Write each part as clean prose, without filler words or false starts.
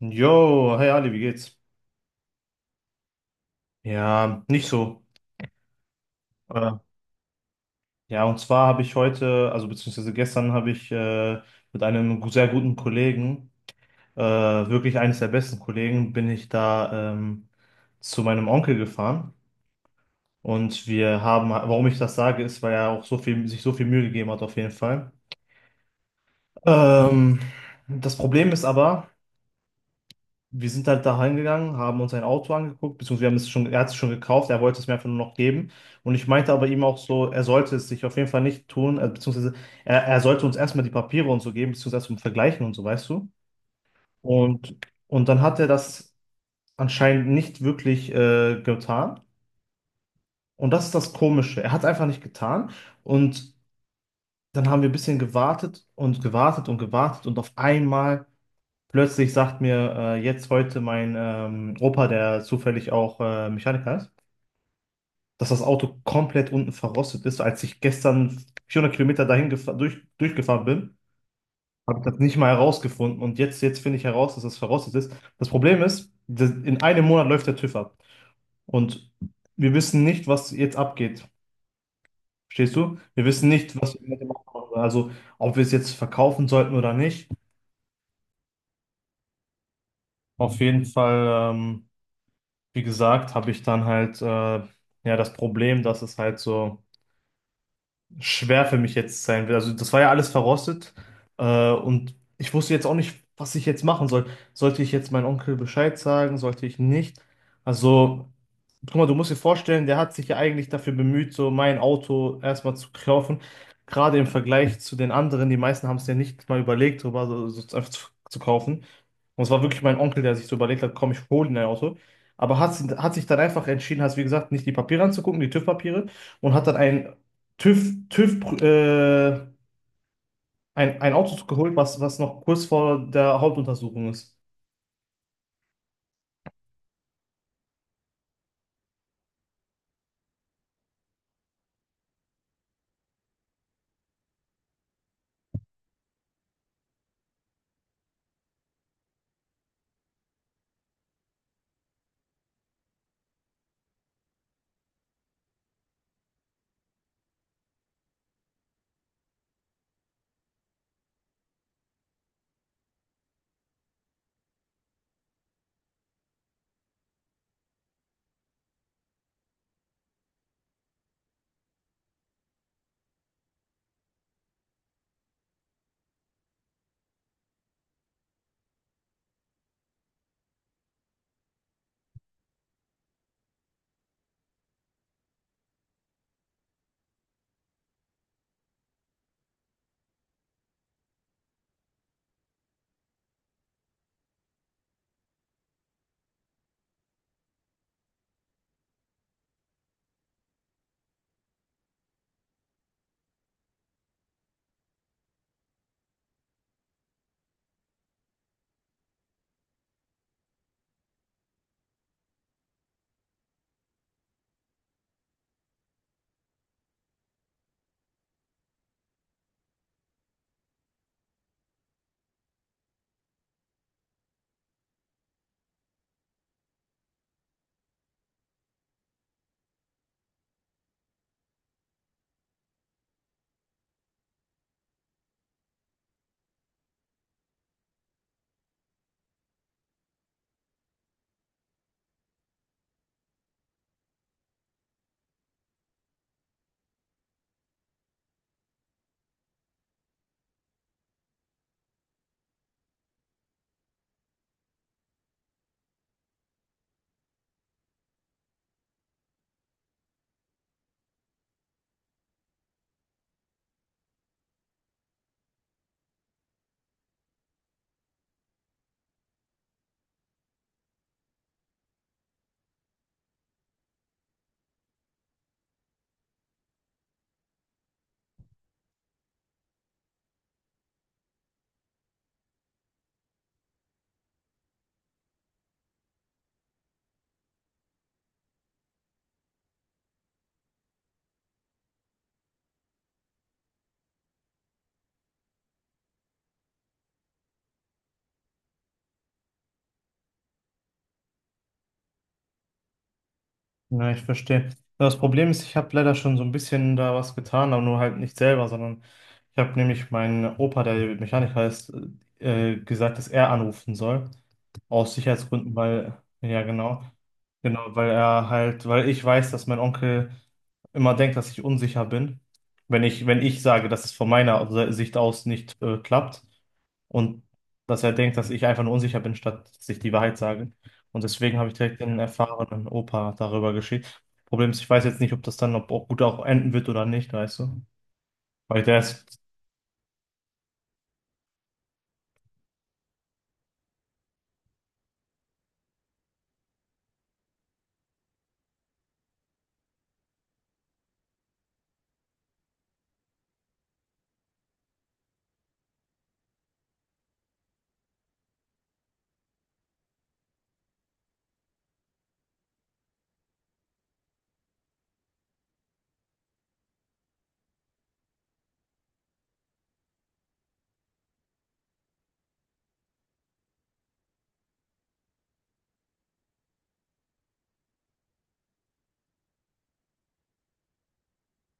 Jo, hey Ali, wie geht's? Ja, nicht so. Äh, ja, und zwar habe ich heute, also beziehungsweise gestern habe ich mit einem sehr guten Kollegen, wirklich eines der besten Kollegen, bin ich da zu meinem Onkel gefahren. Und wir haben, warum ich das sage, ist, weil er auch so viel, sich so viel Mühe gegeben hat, auf jeden Fall. Ähm, Das Problem ist aber, wir sind halt da hingegangen, haben uns ein Auto angeguckt, beziehungsweise wir haben es schon, er hat es schon gekauft, er wollte es mir einfach nur noch geben. Und ich meinte aber ihm auch so, er sollte es sich auf jeden Fall nicht tun, beziehungsweise er sollte uns erstmal die Papiere und so geben, beziehungsweise zum Vergleichen und so, weißt du? Und, und dann hat er das anscheinend nicht wirklich getan. Und das ist das Komische. Er hat es einfach nicht getan. Und dann haben wir ein bisschen gewartet und gewartet und gewartet und auf einmal. Plötzlich sagt mir jetzt heute mein Opa, der zufällig auch Mechaniker ist, dass das Auto komplett unten verrostet ist. Als ich gestern 400 Kilometer dahin durchgefahren bin, habe ich das nicht mal herausgefunden. Und jetzt, jetzt finde ich heraus, dass das verrostet ist. Das Problem ist, das, in einem Monat läuft der TÜV ab. Und wir wissen nicht, was jetzt abgeht. Verstehst du? Wir wissen nicht, was wir mit dem Auto machen. Also, ob wir es jetzt verkaufen sollten oder nicht. Auf jeden Fall. Wie gesagt, habe ich dann halt ja das Problem, dass es halt so schwer für mich jetzt sein wird. Also das war ja alles verrostet und ich wusste jetzt auch nicht, was ich jetzt machen soll. Sollte ich jetzt meinem Onkel Bescheid sagen, sollte ich nicht? Also, guck mal, du musst dir vorstellen, der hat sich ja eigentlich dafür bemüht, so mein Auto erstmal zu kaufen. Gerade im Vergleich zu den anderen, die meisten haben es ja nicht mal überlegt, darüber so, so einfach zu kaufen. Und es war wirklich mein Onkel, der sich so überlegt hat, komm, ich hole dir ein Auto. Aber hat, hat sich dann einfach entschieden, hat, wie gesagt, nicht die Papiere anzugucken, die TÜV-Papiere, und hat dann ein TÜV, TÜV ein Auto geholt, was noch kurz vor der Hauptuntersuchung ist. Ja, ich verstehe. Ja, das Problem ist, ich habe leider schon so ein bisschen da was getan, aber nur halt nicht selber, sondern ich habe nämlich meinen Opa, der Mechaniker ist, gesagt, dass er anrufen soll. Aus Sicherheitsgründen, weil, ja, genau. Genau, weil er halt, weil ich weiß, dass mein Onkel immer denkt, dass ich unsicher bin, wenn ich sage, dass es von meiner Sicht aus nicht klappt und dass er denkt, dass ich einfach nur unsicher bin, statt dass ich die Wahrheit sage. Und deswegen habe ich direkt den erfahrenen Opa darüber geschickt. Problem ist, ich weiß jetzt nicht, ob das dann ob auch gut auch enden wird oder nicht, weißt du? Weil der ist,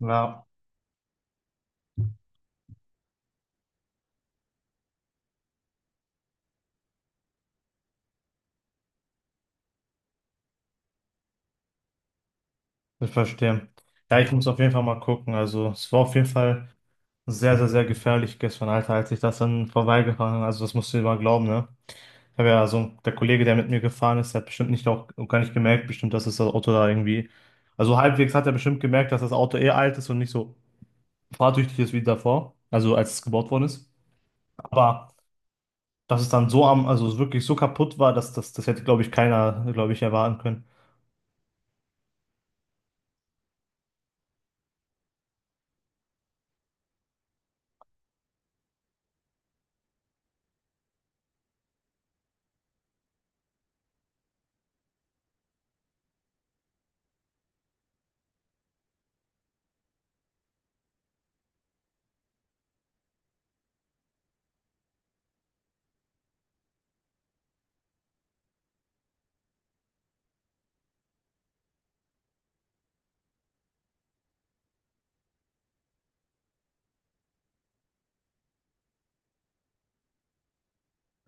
ja. Ich verstehe. Ja, ich muss auf jeden Fall mal gucken. Also, es war auf jeden Fall sehr, sehr, sehr gefährlich gestern, Alter, als ich das dann vorbeigefahren bin. Also, das musst du dir mal glauben, ne? Ich habe ja so, der Kollege, der mit mir gefahren ist, der hat bestimmt nicht auch gar nicht gemerkt, bestimmt, dass das Auto da irgendwie. Also, halbwegs hat er bestimmt gemerkt, dass das Auto eh alt ist und nicht so fahrtüchtig ist wie davor. Also, als es gebaut worden ist. Aber, dass es dann so am, also wirklich so kaputt war, dass das, das hätte, glaube ich, keiner, glaube ich, erwarten können.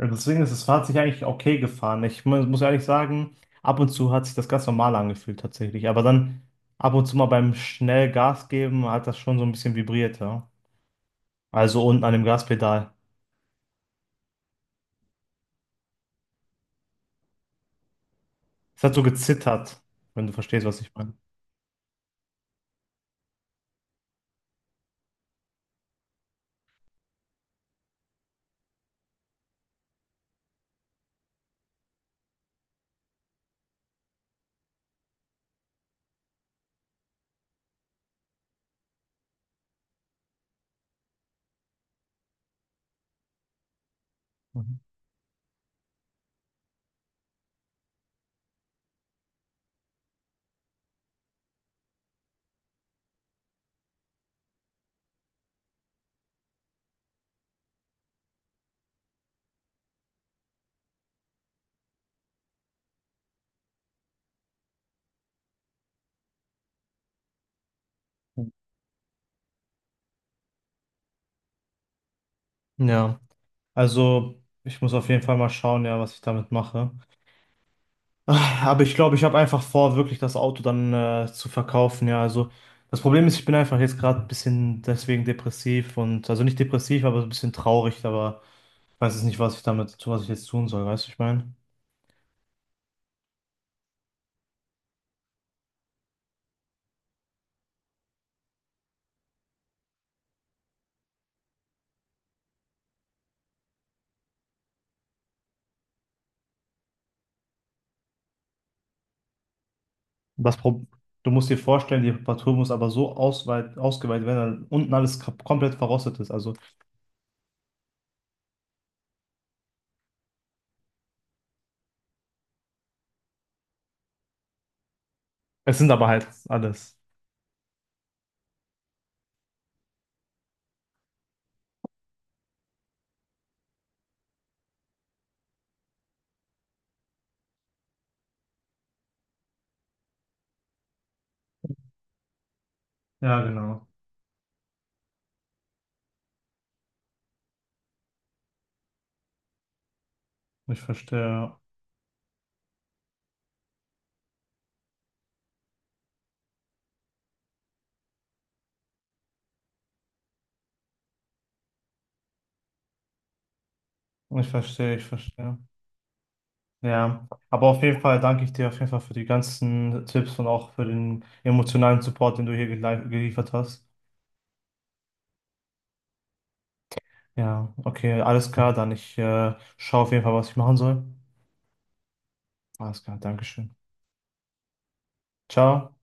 Deswegen ist das Fahrrad eigentlich okay gefahren. Ich muss ehrlich sagen, ab und zu hat sich das ganz normal angefühlt tatsächlich. Aber dann ab und zu mal beim schnell Gas geben hat das schon so ein bisschen vibriert, ja. Also unten an dem Gaspedal. Es hat so gezittert, wenn du verstehst, was ich meine. Mhm. Ja, also ich muss auf jeden Fall mal schauen, ja, was ich damit mache. Ah, aber ich glaube, ich habe einfach vor, wirklich das Auto dann zu verkaufen. Ja, also das Problem ist, ich bin einfach jetzt gerade ein bisschen deswegen depressiv und also nicht depressiv, aber so ein bisschen traurig. Aber ich weiß jetzt nicht, was ich damit, was ich jetzt tun soll. Weißt du, ich meine, das Pro du musst dir vorstellen, die Reparatur muss aber so ausgeweitet werden, dass unten alles komplett verrostet ist. Also es sind aber halt alles. Ja, genau. Ich verstehe. Ich verstehe. Ich verstehe. Ja, aber auf jeden Fall danke ich dir auf jeden Fall für die ganzen Tipps und auch für den emotionalen Support, den du hier geliefert hast. Ja, okay, alles klar, dann ich schaue auf jeden Fall, was ich machen soll. Alles klar, Dankeschön. Ciao.